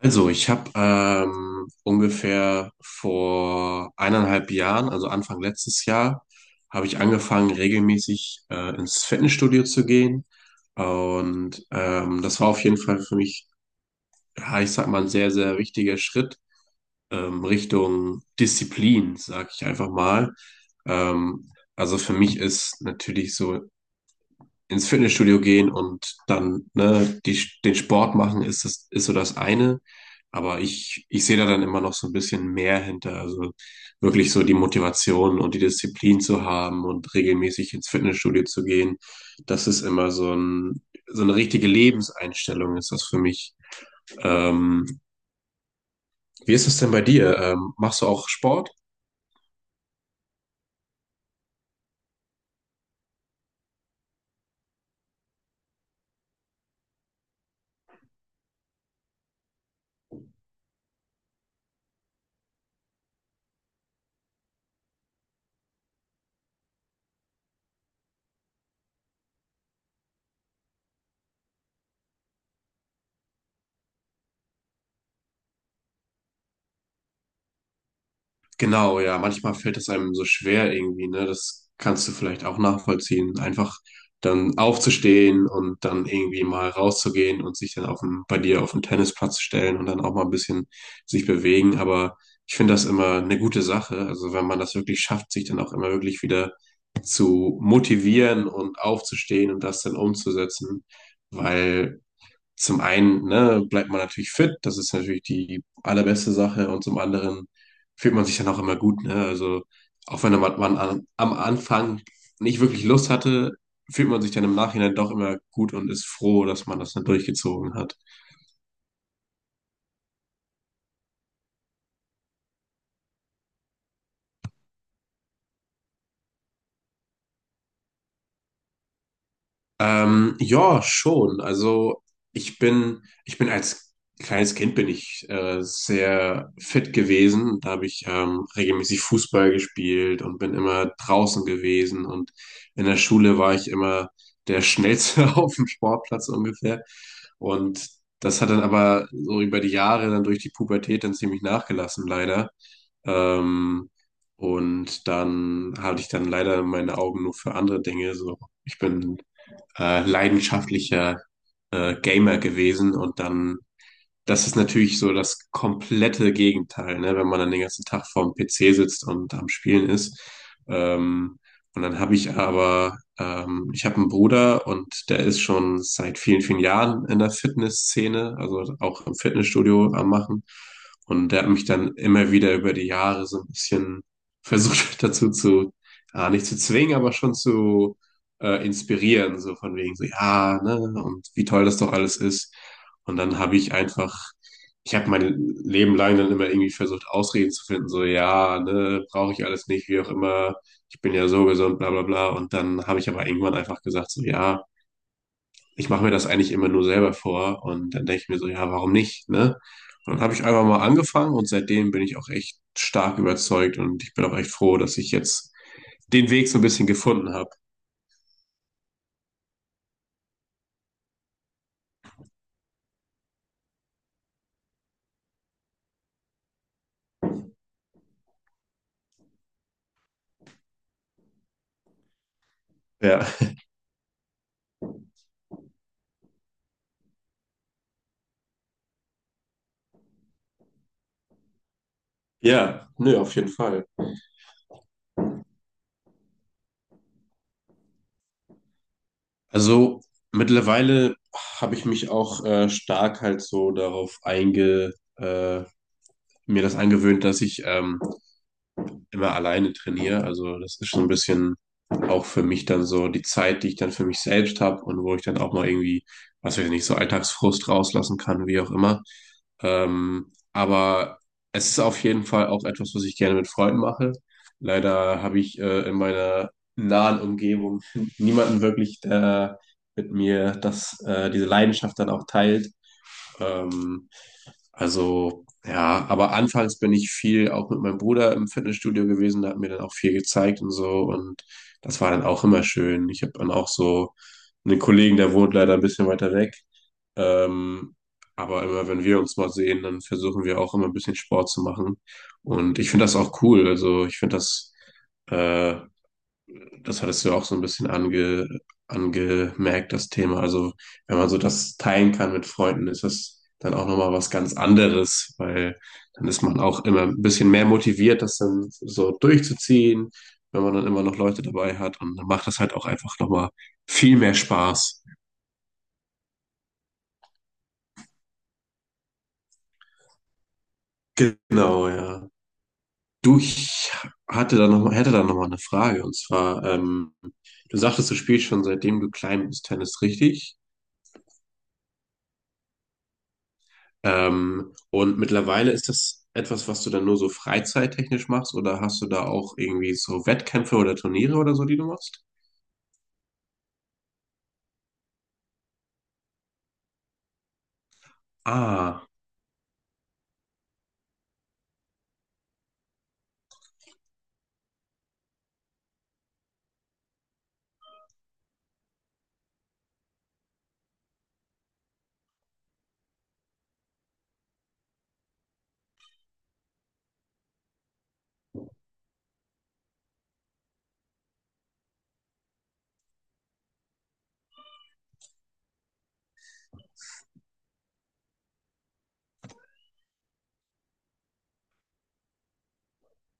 Also, ich habe ungefähr vor eineinhalb Jahren, also Anfang letztes Jahr, habe ich angefangen, regelmäßig ins Fitnessstudio zu gehen. Und das war auf jeden Fall für mich, ja, ich sag mal, ein sehr, sehr wichtiger Schritt Richtung Disziplin, sag ich einfach mal. Also für mich ist natürlich so ins Fitnessstudio gehen und dann ne, den Sport machen, ist so das eine. Aber ich sehe da dann immer noch so ein bisschen mehr hinter. Also wirklich so die Motivation und die Disziplin zu haben und regelmäßig ins Fitnessstudio zu gehen. Das ist immer so, so eine richtige Lebenseinstellung, ist das für mich. Ähm, wie ist es denn bei dir? Machst du auch Sport? Genau, ja, manchmal fällt es einem so schwer irgendwie, ne? Das kannst du vielleicht auch nachvollziehen. Einfach dann aufzustehen und dann irgendwie mal rauszugehen und sich dann bei dir auf den Tennisplatz stellen und dann auch mal ein bisschen sich bewegen. Aber ich finde das immer eine gute Sache. Also wenn man das wirklich schafft, sich dann auch immer wirklich wieder zu motivieren und aufzustehen und das dann umzusetzen. Weil zum einen, ne, bleibt man natürlich fit, das ist natürlich die allerbeste Sache und zum anderen fühlt man sich dann auch immer gut, ne? Also auch wenn man am Anfang nicht wirklich Lust hatte, fühlt man sich dann im Nachhinein doch immer gut und ist froh, dass man das dann durchgezogen hat. Ja, schon. Also ich bin als kleines Kind bin ich sehr fit gewesen. Da habe ich regelmäßig Fußball gespielt und bin immer draußen gewesen. Und in der Schule war ich immer der Schnellste auf dem Sportplatz ungefähr. Und das hat dann aber so über die Jahre dann durch die Pubertät dann ziemlich nachgelassen, leider. Ähm, und dann hatte ich dann leider meine Augen nur für andere Dinge. So, ich bin leidenschaftlicher Gamer gewesen und dann das ist natürlich so das komplette Gegenteil, ne? Wenn man dann den ganzen Tag vorm PC sitzt und am Spielen ist. Ähm, und dann habe ich aber, ich habe einen Bruder und der ist schon seit vielen, vielen Jahren in der Fitnessszene, also auch im Fitnessstudio am Machen. Und der hat mich dann immer wieder über die Jahre so ein bisschen versucht dazu zu, nicht zu zwingen, aber schon zu inspirieren, so von wegen so, ja, ne, und wie toll das doch alles ist. Und dann habe ich einfach, ich habe mein Leben lang dann immer irgendwie versucht, Ausreden zu finden, so ja, ne, brauche ich alles nicht, wie auch immer, ich bin ja so gesund, bla bla bla. Und dann habe ich aber irgendwann einfach gesagt, so ja, ich mache mir das eigentlich immer nur selber vor. Und dann denke ich mir so, ja, warum nicht, ne? Und dann habe ich einfach mal angefangen und seitdem bin ich auch echt stark überzeugt und ich bin auch echt froh, dass ich jetzt den Weg so ein bisschen gefunden habe. Ja. Ja, nö, auf jeden Fall. Also mittlerweile habe ich mich auch stark halt so mir das angewöhnt, dass ich immer alleine trainiere. Also das ist schon ein bisschen auch für mich dann so die Zeit, die ich dann für mich selbst habe und wo ich dann auch mal irgendwie, was weiß ich nicht, so Alltagsfrust rauslassen kann, wie auch immer. Aber es ist auf jeden Fall auch etwas, was ich gerne mit Freunden mache. Leider habe ich in meiner nahen Umgebung niemanden wirklich, der mit mir diese Leidenschaft dann auch teilt. Ähm, also ja, aber anfangs bin ich viel auch mit meinem Bruder im Fitnessstudio gewesen, der hat mir dann auch viel gezeigt und so und das war dann auch immer schön. Ich habe dann auch so einen Kollegen, der wohnt leider ein bisschen weiter weg, ähm, aber immer wenn wir uns mal sehen, dann versuchen wir auch immer ein bisschen Sport zu machen und ich finde das auch cool. Also ich finde das äh, Das hattest du auch so ein bisschen angemerkt, das Thema. Also, wenn man so das teilen kann mit Freunden, ist das dann auch nochmal was ganz anderes, weil dann ist man auch immer ein bisschen mehr motiviert, das dann so durchzuziehen, wenn man dann immer noch Leute dabei hat. Und dann macht das halt auch einfach nochmal viel mehr Spaß. Genau, ja. Du, ich hatte da noch mal, hätte da nochmal eine Frage. Und zwar, du sagtest, du spielst schon seitdem du klein bist Tennis, richtig? Und mittlerweile ist das etwas, was du dann nur so freizeittechnisch machst oder hast du da auch irgendwie so Wettkämpfe oder Turniere oder so, die du machst? Ah,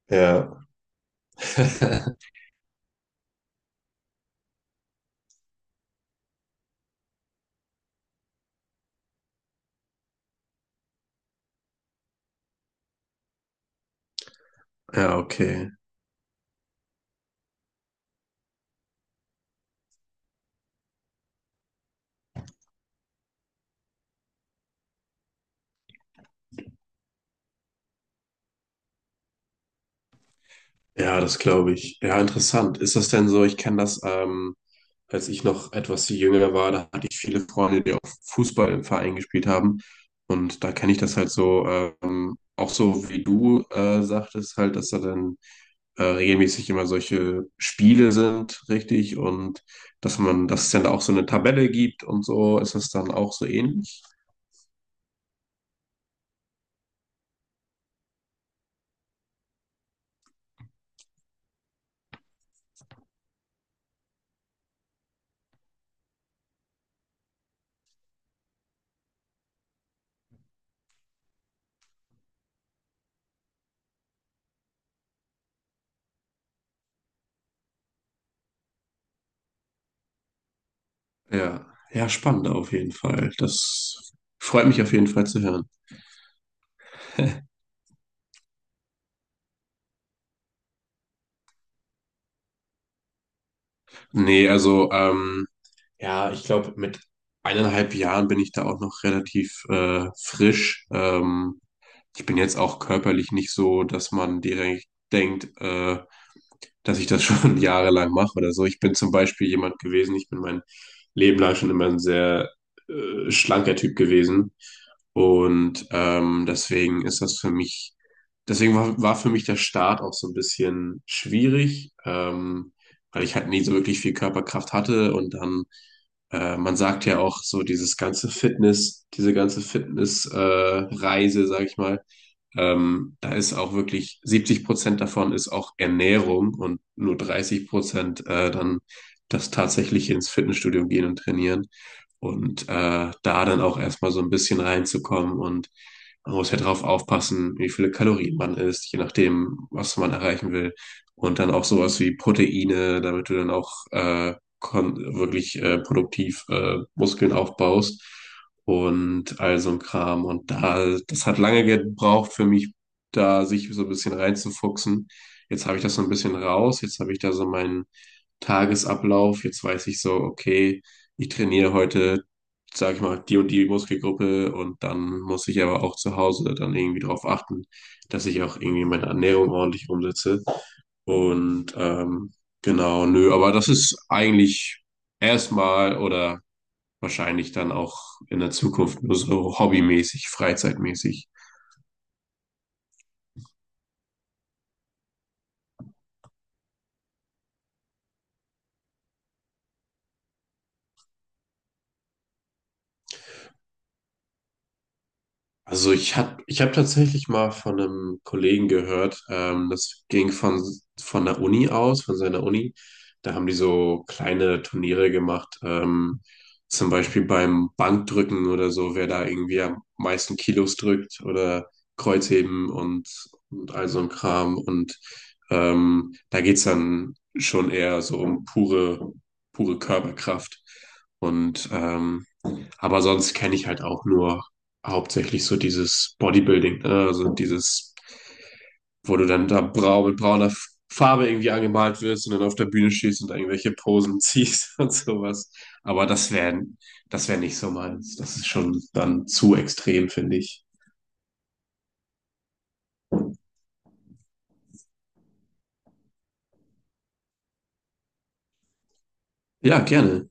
ja. Ja, okay. Ja, das glaube ich. Ja, interessant. Ist das denn so? Ich kenne das, als ich noch etwas jünger war, da hatte ich viele Freunde, die auch Fußball im Verein gespielt haben. Und da kenne ich das halt so, auch so wie du sagtest, halt, dass da dann regelmäßig immer solche Spiele sind, richtig? Und dass es dann auch so eine Tabelle gibt und so, ist das dann auch so ähnlich? Ja, ja, spannend auf jeden Fall. Das freut mich auf jeden Fall zu hören. Nee, also, ja, ich glaube, mit eineinhalb Jahren bin ich da auch noch relativ frisch. Ich bin jetzt auch körperlich nicht so, dass man direkt denkt, dass ich das schon jahrelang mache oder so. Ich bin zum Beispiel jemand gewesen, ich bin mein Leben lang schon immer ein sehr schlanker Typ gewesen. Und deswegen ist das für mich, deswegen war für mich der Start auch so ein bisschen schwierig, weil ich halt nie so wirklich viel Körperkraft hatte. Und dann, man sagt ja auch so, diese ganze Fitness, Reise, sag ich mal, da ist auch wirklich 70% davon ist auch Ernährung und nur 30% dann das tatsächliche ins Fitnessstudio gehen und trainieren. Und da dann auch erstmal so ein bisschen reinzukommen und man muss ja drauf aufpassen, wie viele Kalorien man isst, je nachdem, was man erreichen will. Und dann auch sowas wie Proteine, damit du dann auch wirklich produktiv Muskeln aufbaust und all so ein Kram. Und da, das hat lange gebraucht für mich, da sich so ein bisschen reinzufuchsen. Jetzt habe ich das so ein bisschen raus, jetzt habe ich da so meinen Tagesablauf, jetzt weiß ich so, okay, ich trainiere heute, sage ich mal, die und die Muskelgruppe und dann muss ich aber auch zu Hause dann irgendwie darauf achten, dass ich auch irgendwie meine Ernährung ordentlich umsetze. Und genau, nö, aber das ist eigentlich erstmal oder wahrscheinlich dann auch in der Zukunft nur so hobbymäßig, freizeitmäßig. Also ich hab tatsächlich mal von einem Kollegen gehört, das ging von der Uni aus, von seiner Uni. Da haben die so kleine Turniere gemacht, zum Beispiel beim Bankdrücken oder so, wer da irgendwie am meisten Kilos drückt oder Kreuzheben und all so ein Kram. Und da geht's dann schon eher so um pure, pure Körperkraft. Und aber sonst kenne ich halt auch nur hauptsächlich so dieses Bodybuilding, ne? Also dieses, wo du dann da brau mit brauner Farbe irgendwie angemalt wirst und dann auf der Bühne stehst und irgendwelche Posen ziehst und sowas. Aber das wäre nicht so meins. Das ist schon dann zu extrem, finde ich. Ja, gerne.